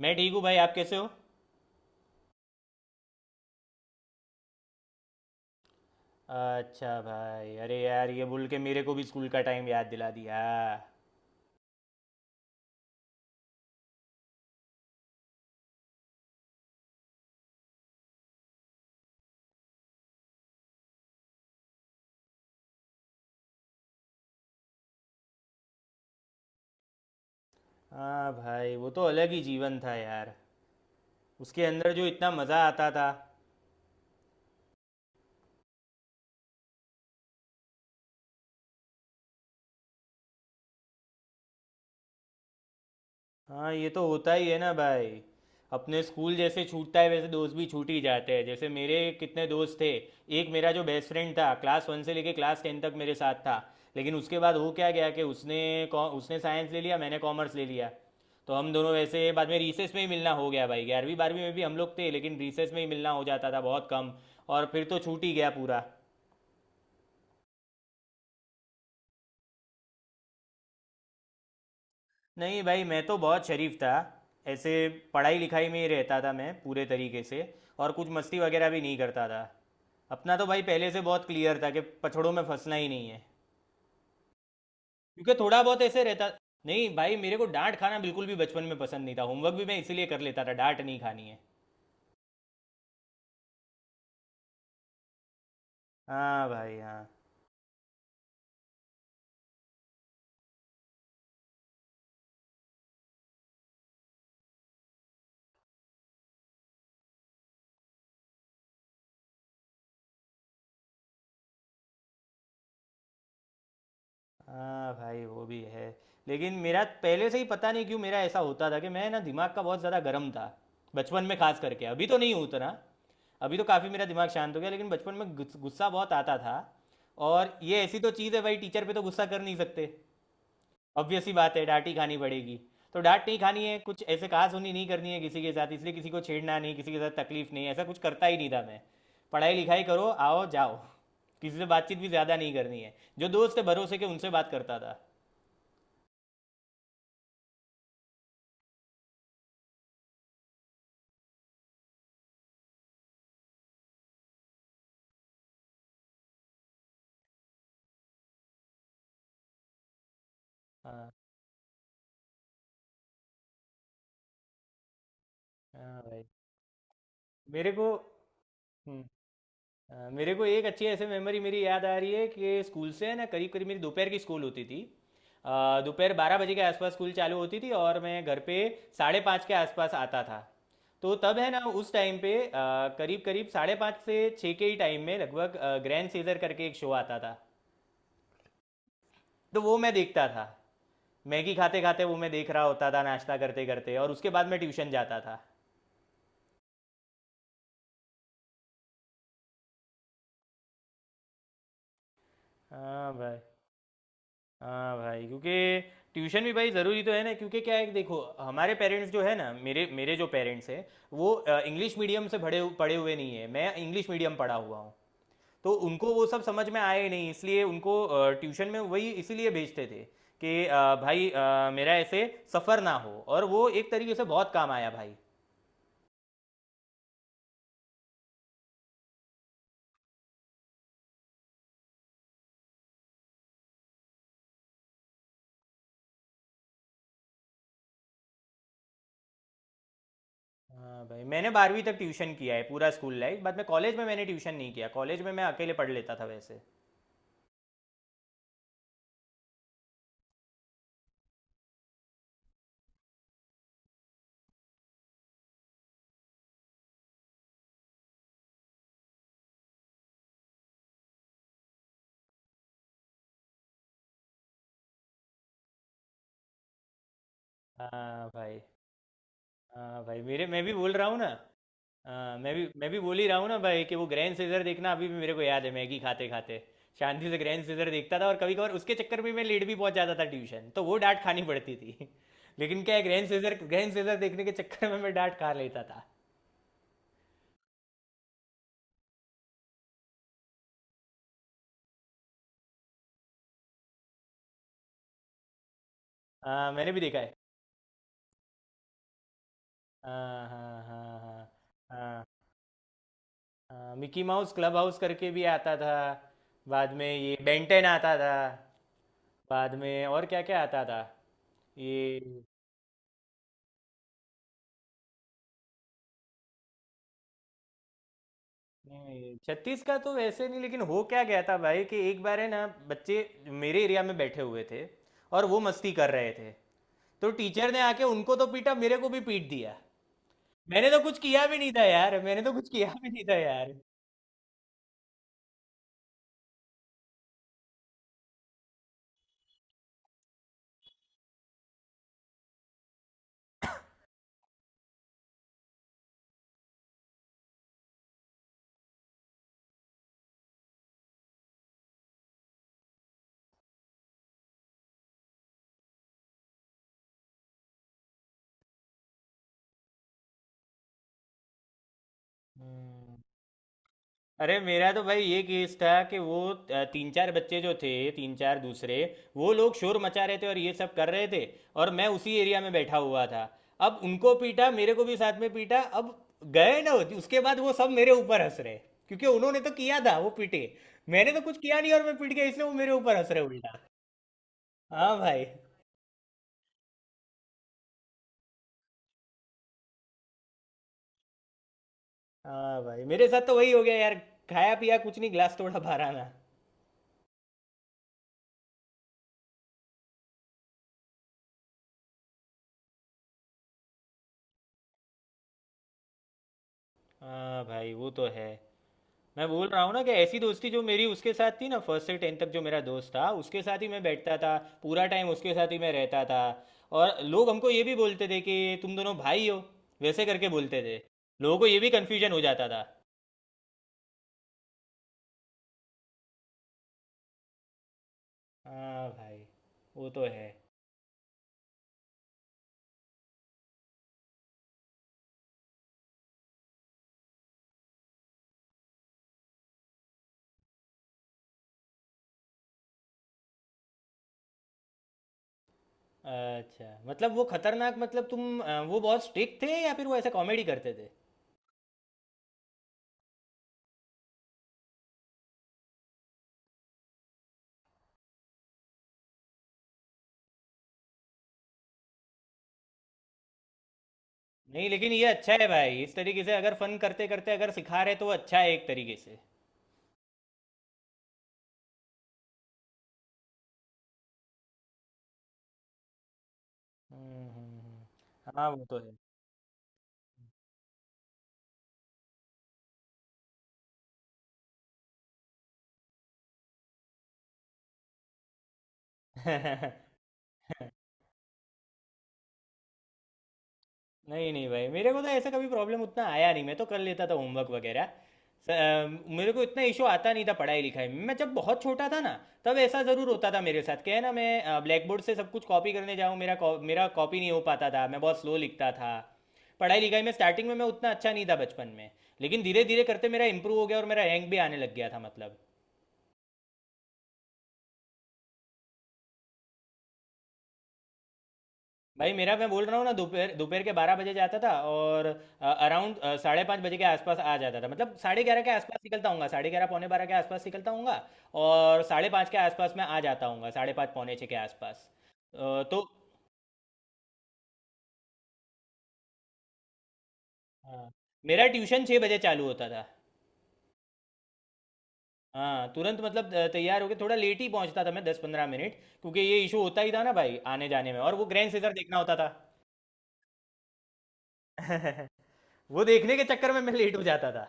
मैं ठीक हूँ भाई। आप कैसे हो? अच्छा भाई, अरे यार ये बोल के मेरे को भी स्कूल का टाइम याद दिला दिया। हाँ भाई, वो तो अलग ही जीवन था यार। उसके अंदर जो इतना मज़ा आता था। हाँ, ये तो होता ही है ना भाई। अपने स्कूल जैसे छूटता है वैसे दोस्त भी छूट ही जाते हैं, जैसे मेरे कितने दोस्त थे। एक मेरा जो बेस्ट फ्रेंड था, क्लास 1 से लेके क्लास 10 तक मेरे साथ था। लेकिन उसके बाद हो क्या गया कि उसने साइंस ले लिया, मैंने कॉमर्स ले लिया। तो हम दोनों वैसे बाद में रीसेस में ही मिलना हो गया भाई। 11वीं 12वीं में भी हम लोग थे लेकिन रीसेस में ही मिलना हो जाता था, बहुत कम। और फिर तो छूट ही गया पूरा। नहीं भाई, मैं तो बहुत शरीफ था। ऐसे पढ़ाई लिखाई में ही रहता था मैं पूरे तरीके से। और कुछ मस्ती वगैरह भी नहीं करता था। अपना तो भाई पहले से बहुत क्लियर था कि पछड़ों में फंसना ही नहीं है। क्योंकि थोड़ा बहुत ऐसे रहता। नहीं भाई, मेरे को डांट खाना बिल्कुल भी बचपन में पसंद नहीं था। होमवर्क भी मैं इसीलिए कर लेता था, डांट नहीं खानी है। हाँ भाई हाँ। हाँ भाई, वो भी है। लेकिन मेरा पहले से ही पता नहीं क्यों मेरा ऐसा होता था कि मैं ना दिमाग का बहुत ज़्यादा गर्म था, बचपन में खास करके। अभी तो नहीं उतना। अभी तो काफ़ी मेरा दिमाग शांत हो गया, लेकिन बचपन में गुस्सा बहुत आता था। और ये ऐसी तो चीज़ है भाई, टीचर पे तो गुस्सा कर नहीं सकते। ऑब्वियस ही बात है, डांट ही खानी पड़ेगी। तो डांट नहीं खानी है, कुछ ऐसे कहा सुनी नहीं करनी है किसी के साथ, इसलिए किसी को छेड़ना नहीं, किसी के साथ तकलीफ नहीं। ऐसा कुछ करता ही नहीं था मैं। पढ़ाई लिखाई करो, आओ जाओ। किसी से बातचीत भी ज़्यादा नहीं करनी है। जो दोस्त है भरोसे के, उनसे बात करता था। हाँ हाँ भाई। मेरे को मेरे को एक अच्छी ऐसे मेमोरी मेरी याद आ रही है कि स्कूल से है ना, करीब करीब मेरी दोपहर की स्कूल होती थी। दोपहर 12 बजे के आसपास स्कूल चालू होती थी, और मैं घर पे 5:30 के आसपास आता था। तो तब है ना, उस टाइम पे करीब करीब 5:30 से 6 के ही टाइम में लगभग ग्रैंड सीजर करके एक शो आता था। तो वो मैं देखता था। मैगी खाते खाते वो मैं देख रहा होता था, नाश्ता करते करते। और उसके बाद मैं ट्यूशन जाता था। हाँ भाई। हाँ भाई, क्योंकि ट्यूशन भी भाई ज़रूरी तो है ना। क्योंकि क्या है कि देखो, हमारे पेरेंट्स जो है ना, मेरे मेरे जो पेरेंट्स हैं वो इंग्लिश मीडियम से पढ़े पढ़े हुए नहीं है। मैं इंग्लिश मीडियम पढ़ा हुआ हूँ। तो उनको वो सब समझ में आया ही नहीं, इसलिए उनको ट्यूशन में वही इसीलिए भेजते थे कि भाई मेरा ऐसे सफ़र ना हो। और वो एक तरीके से बहुत काम आया भाई। हाँ भाई, मैंने 12वीं तक ट्यूशन किया है, पूरा स्कूल लाइफ। बाद में कॉलेज में मैंने ट्यूशन नहीं किया, कॉलेज में मैं अकेले पढ़ लेता था वैसे। हाँ भाई हाँ भाई, मेरे मैं भी बोल रहा हूँ ना। हाँ, मैं भी बोल ही रहा हूँ ना भाई कि वो ग्रैंड सीजर देखना अभी भी मेरे को याद है, मैगी खाते खाते। शांति से ग्रैंड सीजर देखता था, और कभी कभार उसके चक्कर में मैं लेट भी पहुंच जाता था ट्यूशन, तो वो डांट खानी पड़ती थी। लेकिन क्या है, ग्रैंड सीजर, ग्रैंड सीजर देखने के चक्कर में मैं डांट खा लेता था। हाँ मैंने भी देखा है। हाँ हाँ हाँ। हाँ हाँ हाँ। मिकी माउस क्लब हाउस करके भी आता था। बाद में ये बेंटेन आता था। बाद में और क्या क्या आता था ये। नहीं, छत्तीस का तो वैसे नहीं, लेकिन हो क्या गया था भाई कि एक बार है ना, बच्चे मेरे एरिया में बैठे हुए थे और वो मस्ती कर रहे थे। तो टीचर ने आके उनको तो पीटा, मेरे को भी पीट दिया। मैंने तो कुछ किया भी नहीं था यार। मैंने तो कुछ किया भी नहीं था यार। हम्म। अरे मेरा तो भाई ये केस था कि वो तीन चार बच्चे जो थे, तीन चार दूसरे, वो लोग शोर मचा रहे थे और ये सब कर रहे थे। और मैं उसी एरिया में बैठा हुआ था। अब उनको पीटा, मेरे को भी साथ में पीटा, अब गए ना। उसके बाद वो सब मेरे ऊपर हंस रहे क्योंकि उन्होंने तो किया था, वो पीटे। मैंने तो कुछ किया नहीं और मैं पीट गया, इसलिए वो मेरे ऊपर हंस रहे उल्टा। हाँ भाई। हाँ भाई, मेरे साथ तो वही हो गया यार। खाया पिया कुछ नहीं, गिलास तोड़ा बारह आना। हाँ भाई वो तो है। मैं बोल रहा हूँ ना कि ऐसी दोस्ती, जो मेरी उसके साथ थी ना, फर्स्ट से टेंथ तक जो मेरा दोस्त था, उसके साथ ही मैं बैठता था। पूरा टाइम उसके साथ ही मैं रहता था। और लोग हमको ये भी बोलते थे कि तुम दोनों भाई हो, वैसे करके बोलते थे। लोगों को ये भी कन्फ्यूजन हो जाता था। हाँ भाई वो तो है। अच्छा, मतलब वो खतरनाक मतलब तुम, वो बहुत स्ट्रिक्ट थे या फिर वो ऐसे कॉमेडी करते थे? नहीं, लेकिन ये अच्छा है भाई। इस तरीके से अगर फन करते करते अगर सिखा रहे, तो वो अच्छा है एक तरीके से। हाँ, वो तो है। नहीं नहीं भाई, मेरे को तो ऐसा कभी प्रॉब्लम उतना आया नहीं, मैं तो कर लेता था होमवर्क वगैरह। स- अ, मेरे को इतना इशू आता नहीं था पढ़ाई लिखाई में। मैं जब बहुत छोटा था ना, तब ऐसा ज़रूर होता था मेरे साथ। क्या है ना, मैं ब्लैक बोर्ड से सब कुछ कॉपी करने जाऊँ, मेरा कॉपी नहीं हो पाता था। मैं बहुत स्लो लिखता था। पढ़ाई लिखाई में स्टार्टिंग में मैं उतना अच्छा नहीं था बचपन में, लेकिन धीरे धीरे करते मेरा इंप्रूव हो गया और मेरा रैंक भी आने लग गया था मतलब। भाई मेरा, मैं बोल रहा हूँ ना, दोपहर दोपहर के बारह बजे जाता था और अराउंड 5:30 बजे के आसपास आ जाता था। मतलब 11:30 के आसपास निकलता हूँगा, 11:30 11:45 के आसपास निकलता हूँगा। और 5:30 के आसपास मैं आ जाता हूँगा, 5:30 5:45 के आसपास। तो हाँ, मेरा ट्यूशन 6 बजे चालू होता था। हाँ तुरंत, मतलब तैयार होके थोड़ा लेट ही पहुँचता था मैं, 10-15 मिनट, क्योंकि ये इशू होता ही था ना भाई आने जाने में, और वो ग्रैंड सीजर देखना होता था। वो देखने के चक्कर में मैं लेट हो जाता था।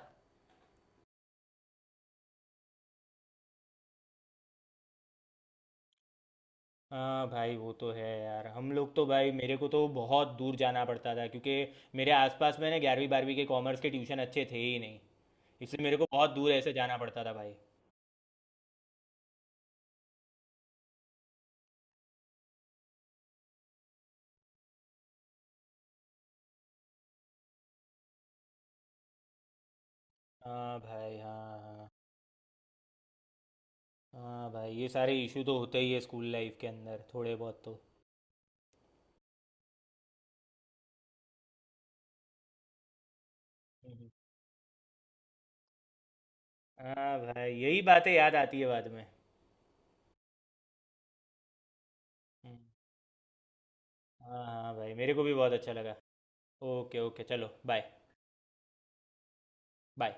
हाँ भाई वो तो है यार। हम लोग तो भाई, मेरे को तो बहुत दूर जाना पड़ता था क्योंकि मेरे आसपास में ना 11वीं 12वीं के कॉमर्स के ट्यूशन अच्छे थे ही नहीं, इसलिए मेरे को बहुत दूर ऐसे जाना पड़ता था भाई। हाँ भाई हाँ हाँ। हाँ भाई, ये सारे इशू तो होते ही है स्कूल लाइफ के अंदर थोड़े बहुत तो। हम्म। हाँ भाई, यही बातें याद आती है बाद में। हम्म। हाँ हाँ भाई, मेरे को भी बहुत अच्छा लगा। ओके ओके, चलो बाय। बाय।